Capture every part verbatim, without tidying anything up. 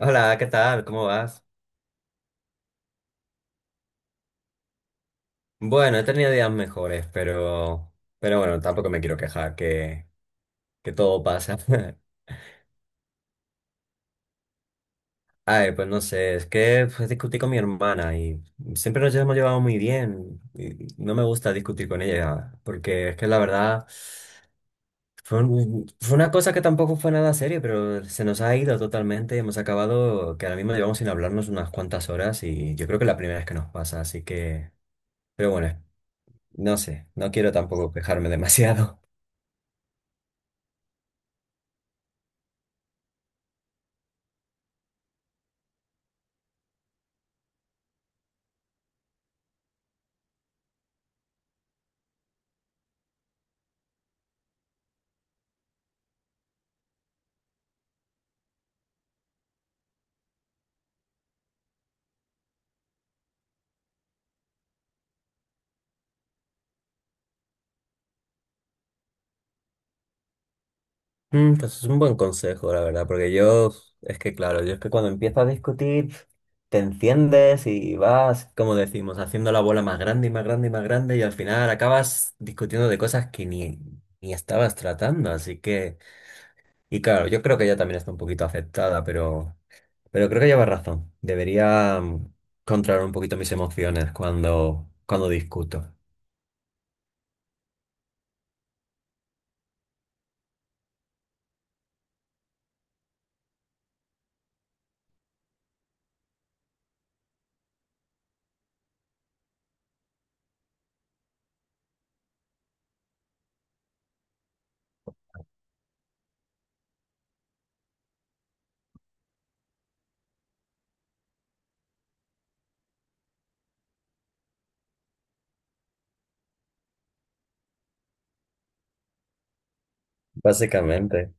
Hola, ¿qué tal? ¿Cómo vas? Bueno, he tenido días mejores, pero, pero bueno, tampoco me quiero quejar que, que todo pasa. A ver, pues no sé, es que pues, discutí con mi hermana y siempre nos hemos llevado muy bien y no me gusta discutir con ella porque es que la verdad fue, un- fue una cosa que tampoco fue nada serio, pero se nos ha ido totalmente y hemos acabado que ahora mismo llevamos sin hablarnos unas cuantas horas y yo creo que es la primera vez que nos pasa, así que, pero bueno, no sé, no quiero tampoco quejarme demasiado. Mm, pues es un buen consejo, la verdad, porque yo, es que claro, yo es que cuando empiezo a discutir, te enciendes y vas, como decimos, haciendo la bola más grande y más grande y más grande y al final acabas discutiendo de cosas que ni, ni estabas tratando, así que, y claro, yo creo que ella también está un poquito afectada, pero, pero creo que lleva razón, debería mm, controlar un poquito mis emociones cuando, cuando discuto, básicamente.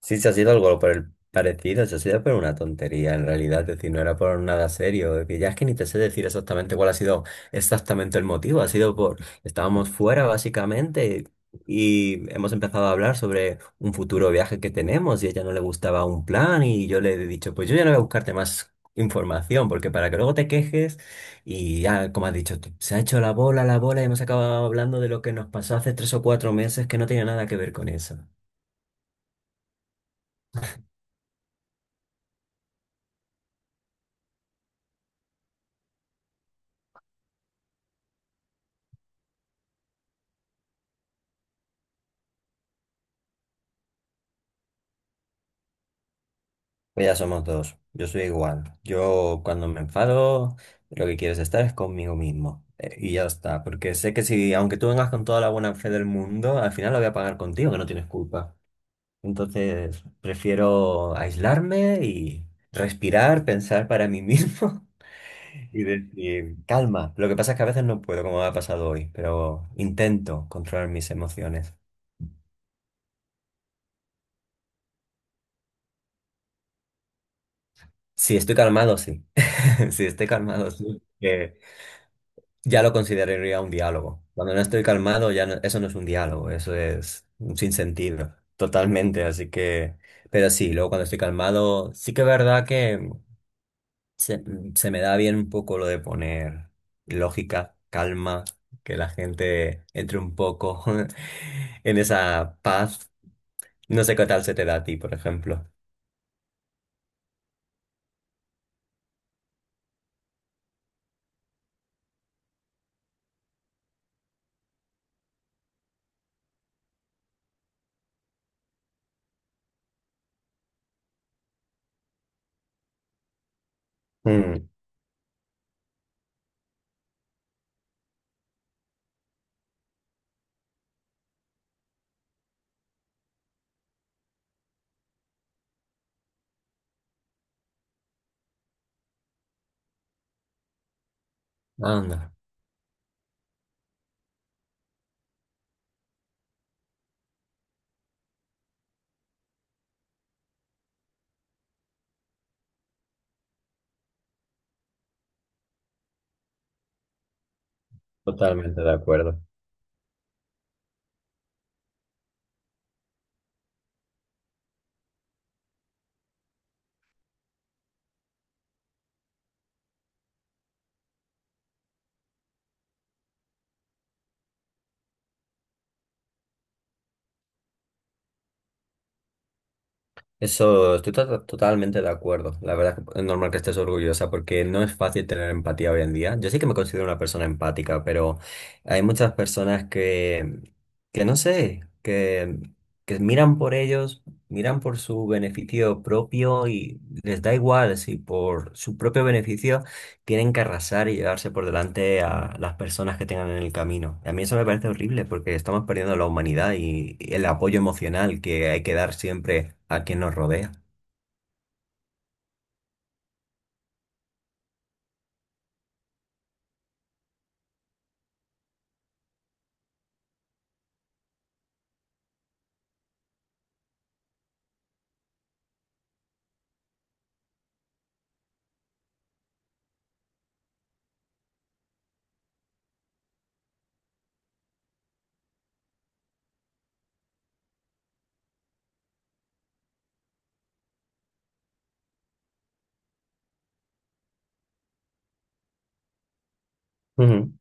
Sí, se ha sido algo por el parecido, se ha sido por una tontería en realidad, es decir, no era por nada serio, es que ya es que ni te sé decir exactamente cuál ha sido exactamente el motivo, ha sido por, estábamos fuera básicamente y hemos empezado a hablar sobre un futuro viaje que tenemos y a ella no le gustaba un plan y yo le he dicho, pues yo ya no voy a buscarte más información, porque para que luego te quejes y ya, como has dicho, tú, se ha hecho la bola, la bola y hemos acabado hablando de lo que nos pasó hace tres o cuatro meses que no tenía nada que ver con eso. Pues ya somos dos. Yo soy igual. Yo cuando me enfado, lo que quieres estar es conmigo mismo. Eh, Y ya está. Porque sé que si, aunque tú vengas con toda la buena fe del mundo, al final lo voy a pagar contigo, que no tienes culpa. Entonces, prefiero aislarme y respirar, pensar para mí mismo y decir, calma. Lo que pasa es que a veces no puedo, como me ha pasado hoy, pero intento controlar mis emociones. Si estoy calmado, sí. Si estoy calmado, sí. Ya lo consideraría un diálogo. Cuando no estoy calmado, ya no- eso no es un diálogo, eso es un sinsentido, totalmente. Así que, pero sí, luego cuando estoy calmado, sí que es verdad que se, se me da bien un poco lo de poner lógica, calma, que la gente entre un poco en esa paz. No sé qué tal se te da a ti, por ejemplo. Mm, anda, totalmente de acuerdo. Eso, estoy to- totalmente de acuerdo. La verdad es que es normal que estés orgullosa porque no es fácil tener empatía hoy en día. Yo sí que me considero una persona empática, pero hay muchas personas que, que no sé, que, que miran por ellos, miran por su beneficio propio y les da igual si por su propio beneficio tienen que arrasar y llevarse por delante a las personas que tengan en el camino. A mí eso me parece horrible porque estamos perdiendo la humanidad y, y el apoyo emocional que hay que dar siempre a quien nos rodea. Ujú.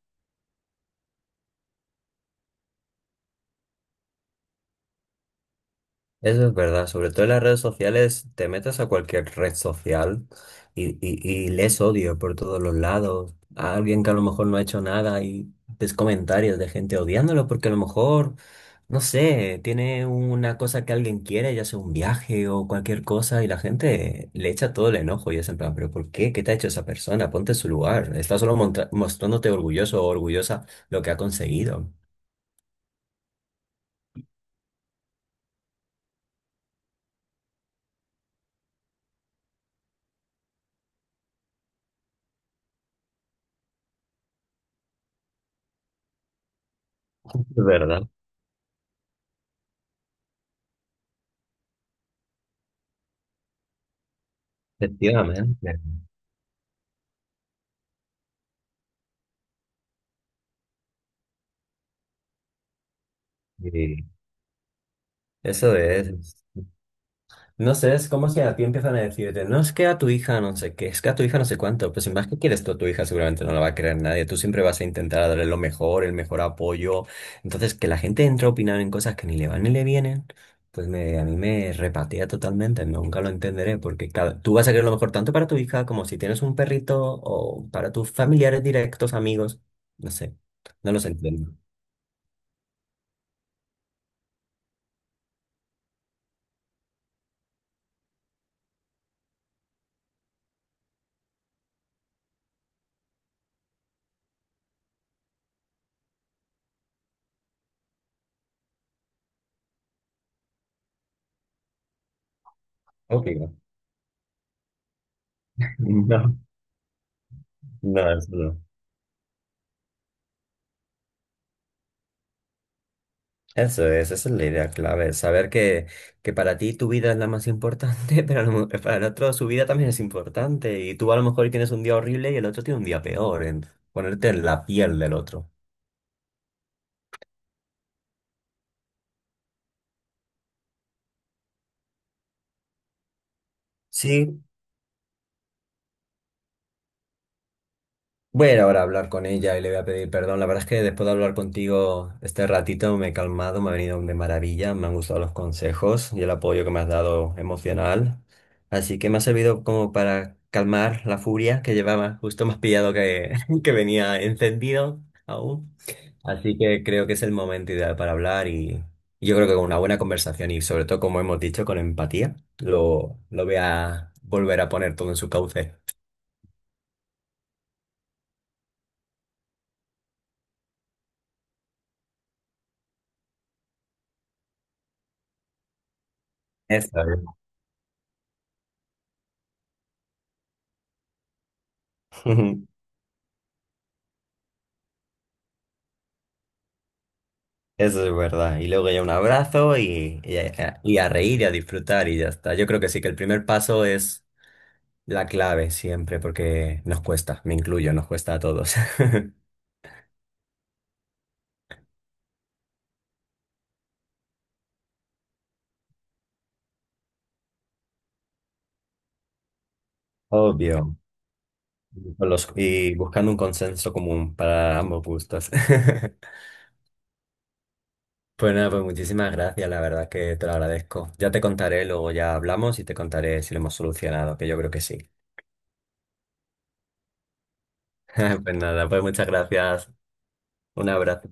Eso es verdad, sobre todo en las redes sociales, te metes a cualquier red social y, y, y lees odio por todos los lados. A alguien que a lo mejor no ha hecho nada y ves comentarios de gente odiándolo porque a lo mejor, no sé, tiene una cosa que alguien quiere, ya sea un viaje o cualquier cosa, y la gente le echa todo el enojo y es en plan, pero ¿por qué? ¿Qué te ha hecho esa persona? Ponte en su lugar. Está solo montra- mostrándote orgulloso o orgullosa lo que ha conseguido. Es verdad, efectivamente. Y eso es. No sé, es como si a ti empiezan a decirte, no es que a tu hija no sé qué, es que a tu hija no sé cuánto, pues sin más que quieres tú a tu hija seguramente no la va a querer nadie, tú siempre vas a intentar darle lo mejor, el mejor apoyo, entonces que la gente entre a opinar en cosas que ni le van ni le vienen, pues me, a mí me repatea totalmente, nunca lo entenderé, porque cada- tú vas a querer lo mejor tanto para tu hija como si tienes un perrito o para tus familiares directos, amigos, no sé, no los entiendo. Ok. No, no, eso no. Eso es, esa es la idea clave, saber que, que para ti tu vida es la más importante, pero a lo mo- para el otro su vida también es importante y tú a lo mejor tienes un día horrible y el otro tiene un día peor, en ponerte en la piel del otro. Sí, voy a ir ahora a hablar con ella y le voy a pedir perdón. La verdad es que después de hablar contigo este ratito me he calmado, me ha venido de maravilla, me han gustado los consejos y el apoyo que me has dado emocional. Así que me ha servido como para calmar la furia que llevaba. Justo más pillado que, que venía encendido aún. Así que creo que es el momento ideal para hablar y y yo creo que con una buena conversación y sobre todo, como hemos dicho, con empatía, lo, lo voy a volver a poner todo en su cauce. Eso es. Eso es verdad. Y luego ya un abrazo y, y a, y a reír y a disfrutar y ya está. Yo creo que sí, que el primer paso es la clave siempre, porque nos cuesta, me incluyo, nos cuesta a todos. Obvio. Con los- y buscando un consenso común para ambos gustos. Pues nada, pues muchísimas gracias, la verdad que te lo agradezco. Ya te contaré, luego ya hablamos y te contaré si lo hemos solucionado, que yo creo que sí. Pues nada, pues muchas gracias. Un abrazo.